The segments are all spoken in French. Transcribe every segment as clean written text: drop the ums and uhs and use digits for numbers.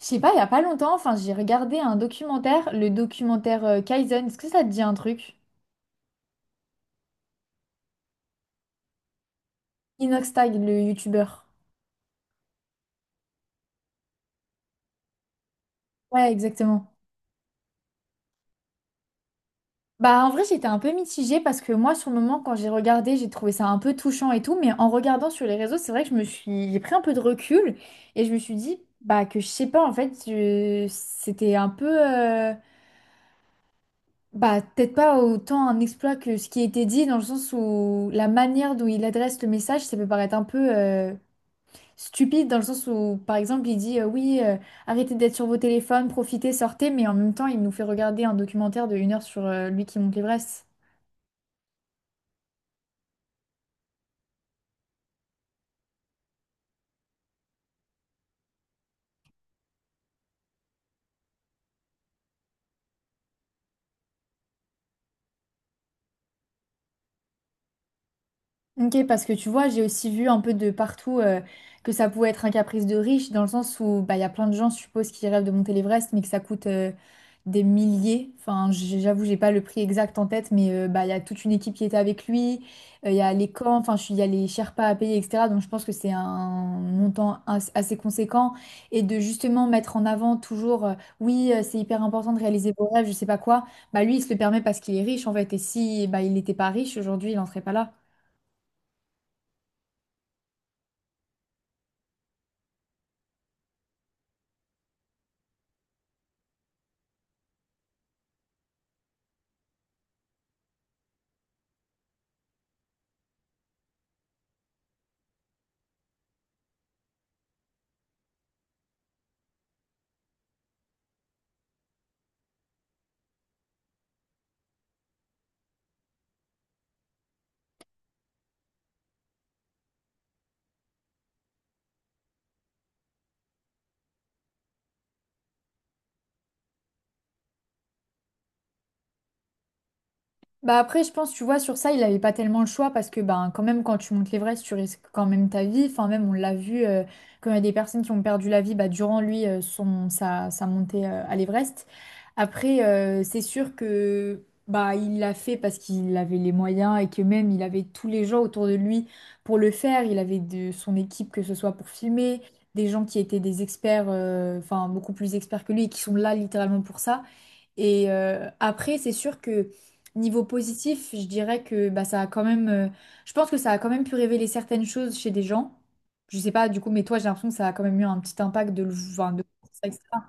Je sais pas, il y a pas longtemps, enfin, j'ai regardé un documentaire, le documentaire Kaizen. Est-ce que ça te dit un truc? Inox Tag, le youtubeur. Ouais, exactement. Bah, en vrai, j'étais un peu mitigée parce que moi, sur le moment, quand j'ai regardé, j'ai trouvé ça un peu touchant et tout. Mais en regardant sur les réseaux, c'est vrai que j'ai pris un peu de recul et je me suis dit, bah, que je sais pas, en fait, c'était un peu, bah, peut-être pas autant un exploit que ce qui était dit dans le sens où la manière dont il adresse le message, ça peut paraître un peu, stupide dans le sens où, par exemple, il dit oui, arrêtez d'être sur vos téléphones, profitez, sortez, mais en même temps, il nous fait regarder un documentaire de une heure sur lui qui monte l'Everest. Ok, parce que tu vois, j'ai aussi vu un peu de partout que ça pouvait être un caprice de riche, dans le sens où bah, il y a plein de gens, je suppose, qui rêvent de monter l'Everest, mais que ça coûte des milliers. Enfin, j'avoue, j'ai pas le prix exact en tête, mais bah, il y a toute une équipe qui était avec lui, il y a les camps, enfin, il y a les Sherpas à payer, etc. Donc, je pense que c'est un montant assez conséquent. Et de justement mettre en avant toujours, oui, c'est hyper important de réaliser vos rêves, je sais pas quoi, bah, lui, il se le permet parce qu'il est riche, en fait. Et si bah, il n'était pas riche, aujourd'hui, il n'en serait pas là. Bah après, je pense, tu vois, sur ça, il n'avait pas tellement le choix parce que ben, quand même, quand tu montes l'Everest, tu risques quand même ta vie. Enfin, même, on l'a vu, quand il y a des personnes qui ont perdu la vie bah, durant lui, sa montée à l'Everest. Après, c'est sûr que bah, il l'a fait parce qu'il avait les moyens et que même, il avait tous les gens autour de lui pour le faire. Il avait de son équipe, que ce soit pour filmer, des gens qui étaient des experts, enfin, beaucoup plus experts que lui et qui sont là littéralement pour ça. Et après, c'est sûr que... Niveau positif, je dirais que bah, ça a quand même, je pense que ça a quand même pu révéler certaines choses chez des gens. Je sais pas, du coup, mais toi, j'ai l'impression que ça a quand même eu un petit impact de le enfin, de ça, etc.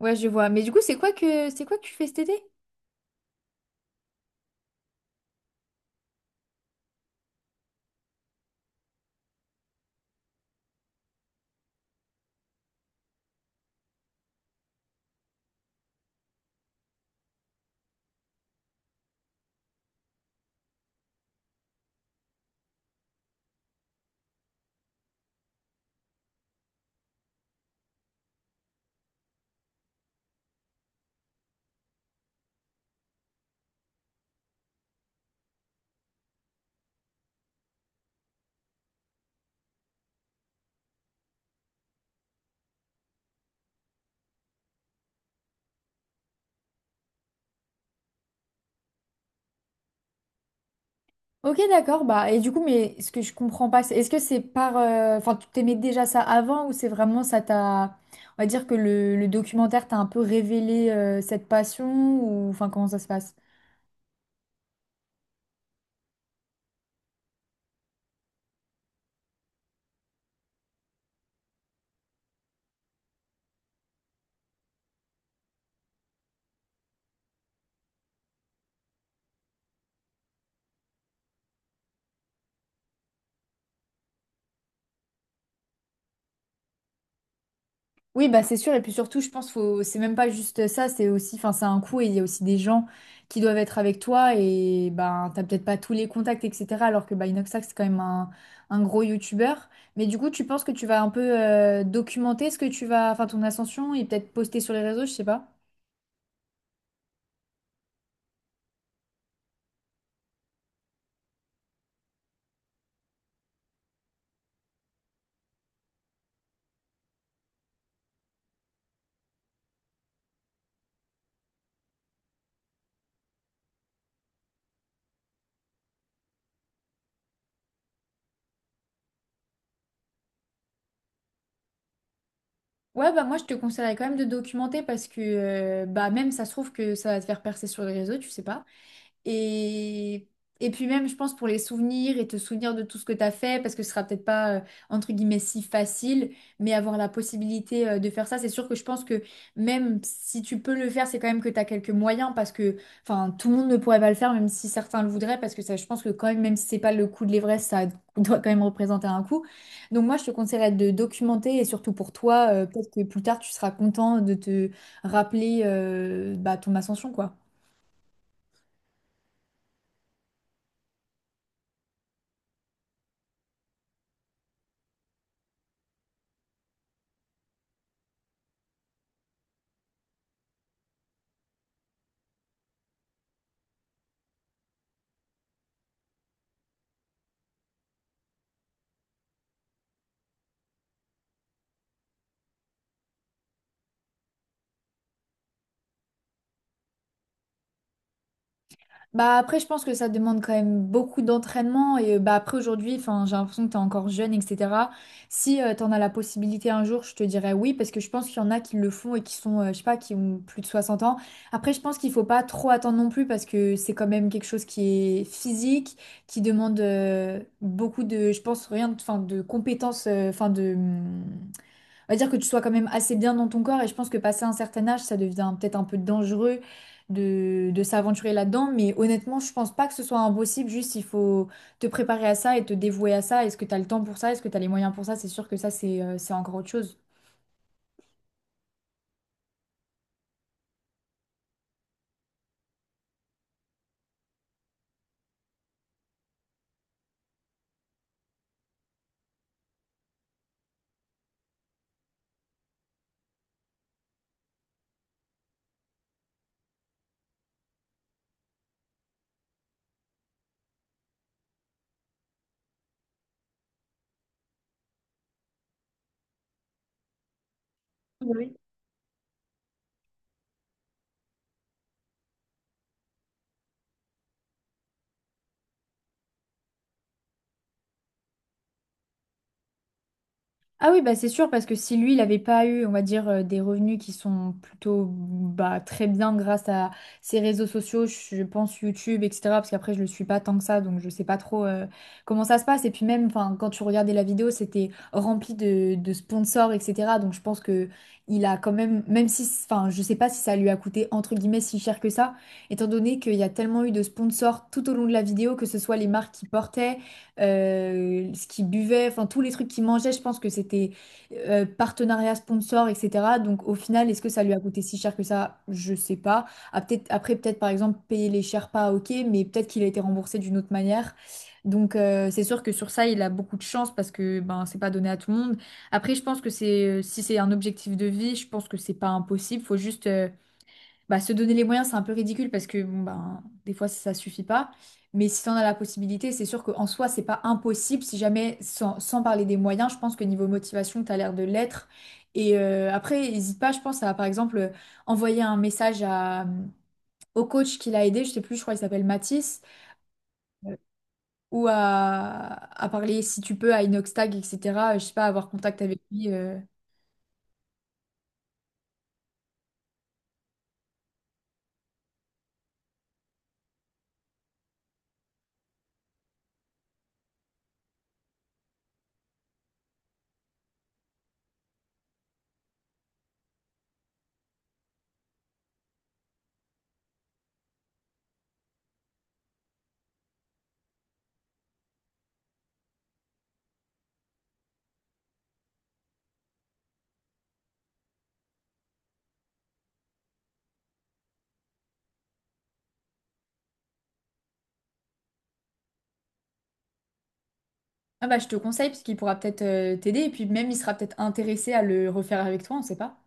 Ouais, je vois. Mais du coup, c'est quoi que tu fais cet été? Ok, d'accord. Bah, et du coup, mais ce que je comprends pas, est-ce que c'est par, enfin, tu t'aimais déjà ça avant ou c'est vraiment ça t'a. On va dire que le documentaire t'a un peu révélé cette passion ou. Enfin, comment ça se passe? Oui, bah c'est sûr. Et puis surtout, je pense faut c'est même pas juste ça, c'est aussi, enfin, c'est un coût et il y a aussi des gens qui doivent être avec toi et ben t'as peut-être pas tous les contacts, etc. Alors que bah, Inoxac, c'est quand même un gros youtubeur. Mais du coup, tu penses que tu vas un peu documenter ce que tu vas, enfin ton ascension et peut-être poster sur les réseaux, je sais pas. Ouais, bah moi je te conseillerais quand même de documenter parce que bah même ça se trouve que ça va te faire percer sur les réseaux, tu sais pas. Et, et puis même, je pense, pour les souvenirs et te souvenir de tout ce que tu as fait, parce que ce sera peut-être pas, entre guillemets, si facile, mais avoir la possibilité, de faire ça, c'est sûr que je pense que même si tu peux le faire, c'est quand même que tu as quelques moyens, parce que, enfin, tout le monde ne pourrait pas le faire, même si certains le voudraient, parce que ça, je pense que quand même, même si c'est pas le coût de l'Everest, ça doit quand même représenter un coût. Donc moi, je te conseillerais de documenter, et surtout pour toi, peut-être que plus tard, tu seras content de te rappeler, bah, ton ascension, quoi. Bah après, je pense que ça demande quand même beaucoup d'entraînement et bah après aujourd'hui, enfin, j'ai l'impression que t'es encore jeune, etc. Si tu t'en as la possibilité un jour, je te dirais oui parce que je pense qu'il y en a qui le font et qui sont, je sais pas, qui ont plus de 60 ans. Après, je pense qu'il faut pas trop attendre non plus parce que c'est quand même quelque chose qui est physique, qui demande beaucoup de, je pense rien, enfin, de compétences, enfin de on va dire que tu sois quand même assez bien dans ton corps et je pense que passé un certain âge, ça devient peut-être un peu dangereux de s'aventurer là-dedans. Mais honnêtement, je pense pas que ce soit impossible, juste il faut te préparer à ça et te dévouer à ça. Est-ce que tu as le temps pour ça? Est-ce que tu as les moyens pour ça? C'est sûr que ça, c'est encore autre chose. Ah oui, bah c'est sûr, parce que si lui, il n'avait pas eu, on va dire, des revenus qui sont plutôt bah, très bien grâce à ses réseaux sociaux, je pense YouTube, etc. Parce qu'après, je le suis pas tant que ça, donc je sais pas trop comment ça se passe. Et puis même, enfin, quand tu regardais la vidéo, c'était rempli de sponsors, etc. Donc je pense que il a quand même, même si, enfin, je sais pas si ça lui a coûté, entre guillemets, si cher que ça, étant donné qu'il y a tellement eu de sponsors tout au long de la vidéo, que ce soit les marques qui portaient ce qu'ils buvaient, enfin tous les trucs qu'ils mangeaient, je pense que c'était partenariat sponsor, etc. Donc au final, est-ce que ça lui a coûté si cher que ça? Je sais pas. Ah, peut-être, après, peut-être par exemple payer les Sherpas, ok, mais peut-être qu'il a été remboursé d'une autre manière. Donc c'est sûr que sur ça, il a beaucoup de chance parce que ben c'est pas donné à tout le monde. Après, je pense que c'est si c'est un objectif de vie, je pense que c'est pas impossible. Faut juste bah, se donner les moyens, c'est un peu ridicule parce que bon, ben, des fois, ça suffit pas. Mais si tu en as la possibilité, c'est sûr qu'en soi, c'est pas impossible. Si jamais, sans parler des moyens, je pense que niveau motivation, tu as l'air de l'être. Et après, n'hésite pas, je pense, à par exemple envoyer un message à, au coach qui l'a aidé. Je sais plus, je crois qu'il s'appelle Mathis ou à parler si tu peux à Inoxtag Tag, etc. Je sais pas, avoir contact avec lui. Ah bah je te conseille parce qu'il pourra peut-être t'aider et puis même il sera peut-être intéressé à le refaire avec toi, on sait pas.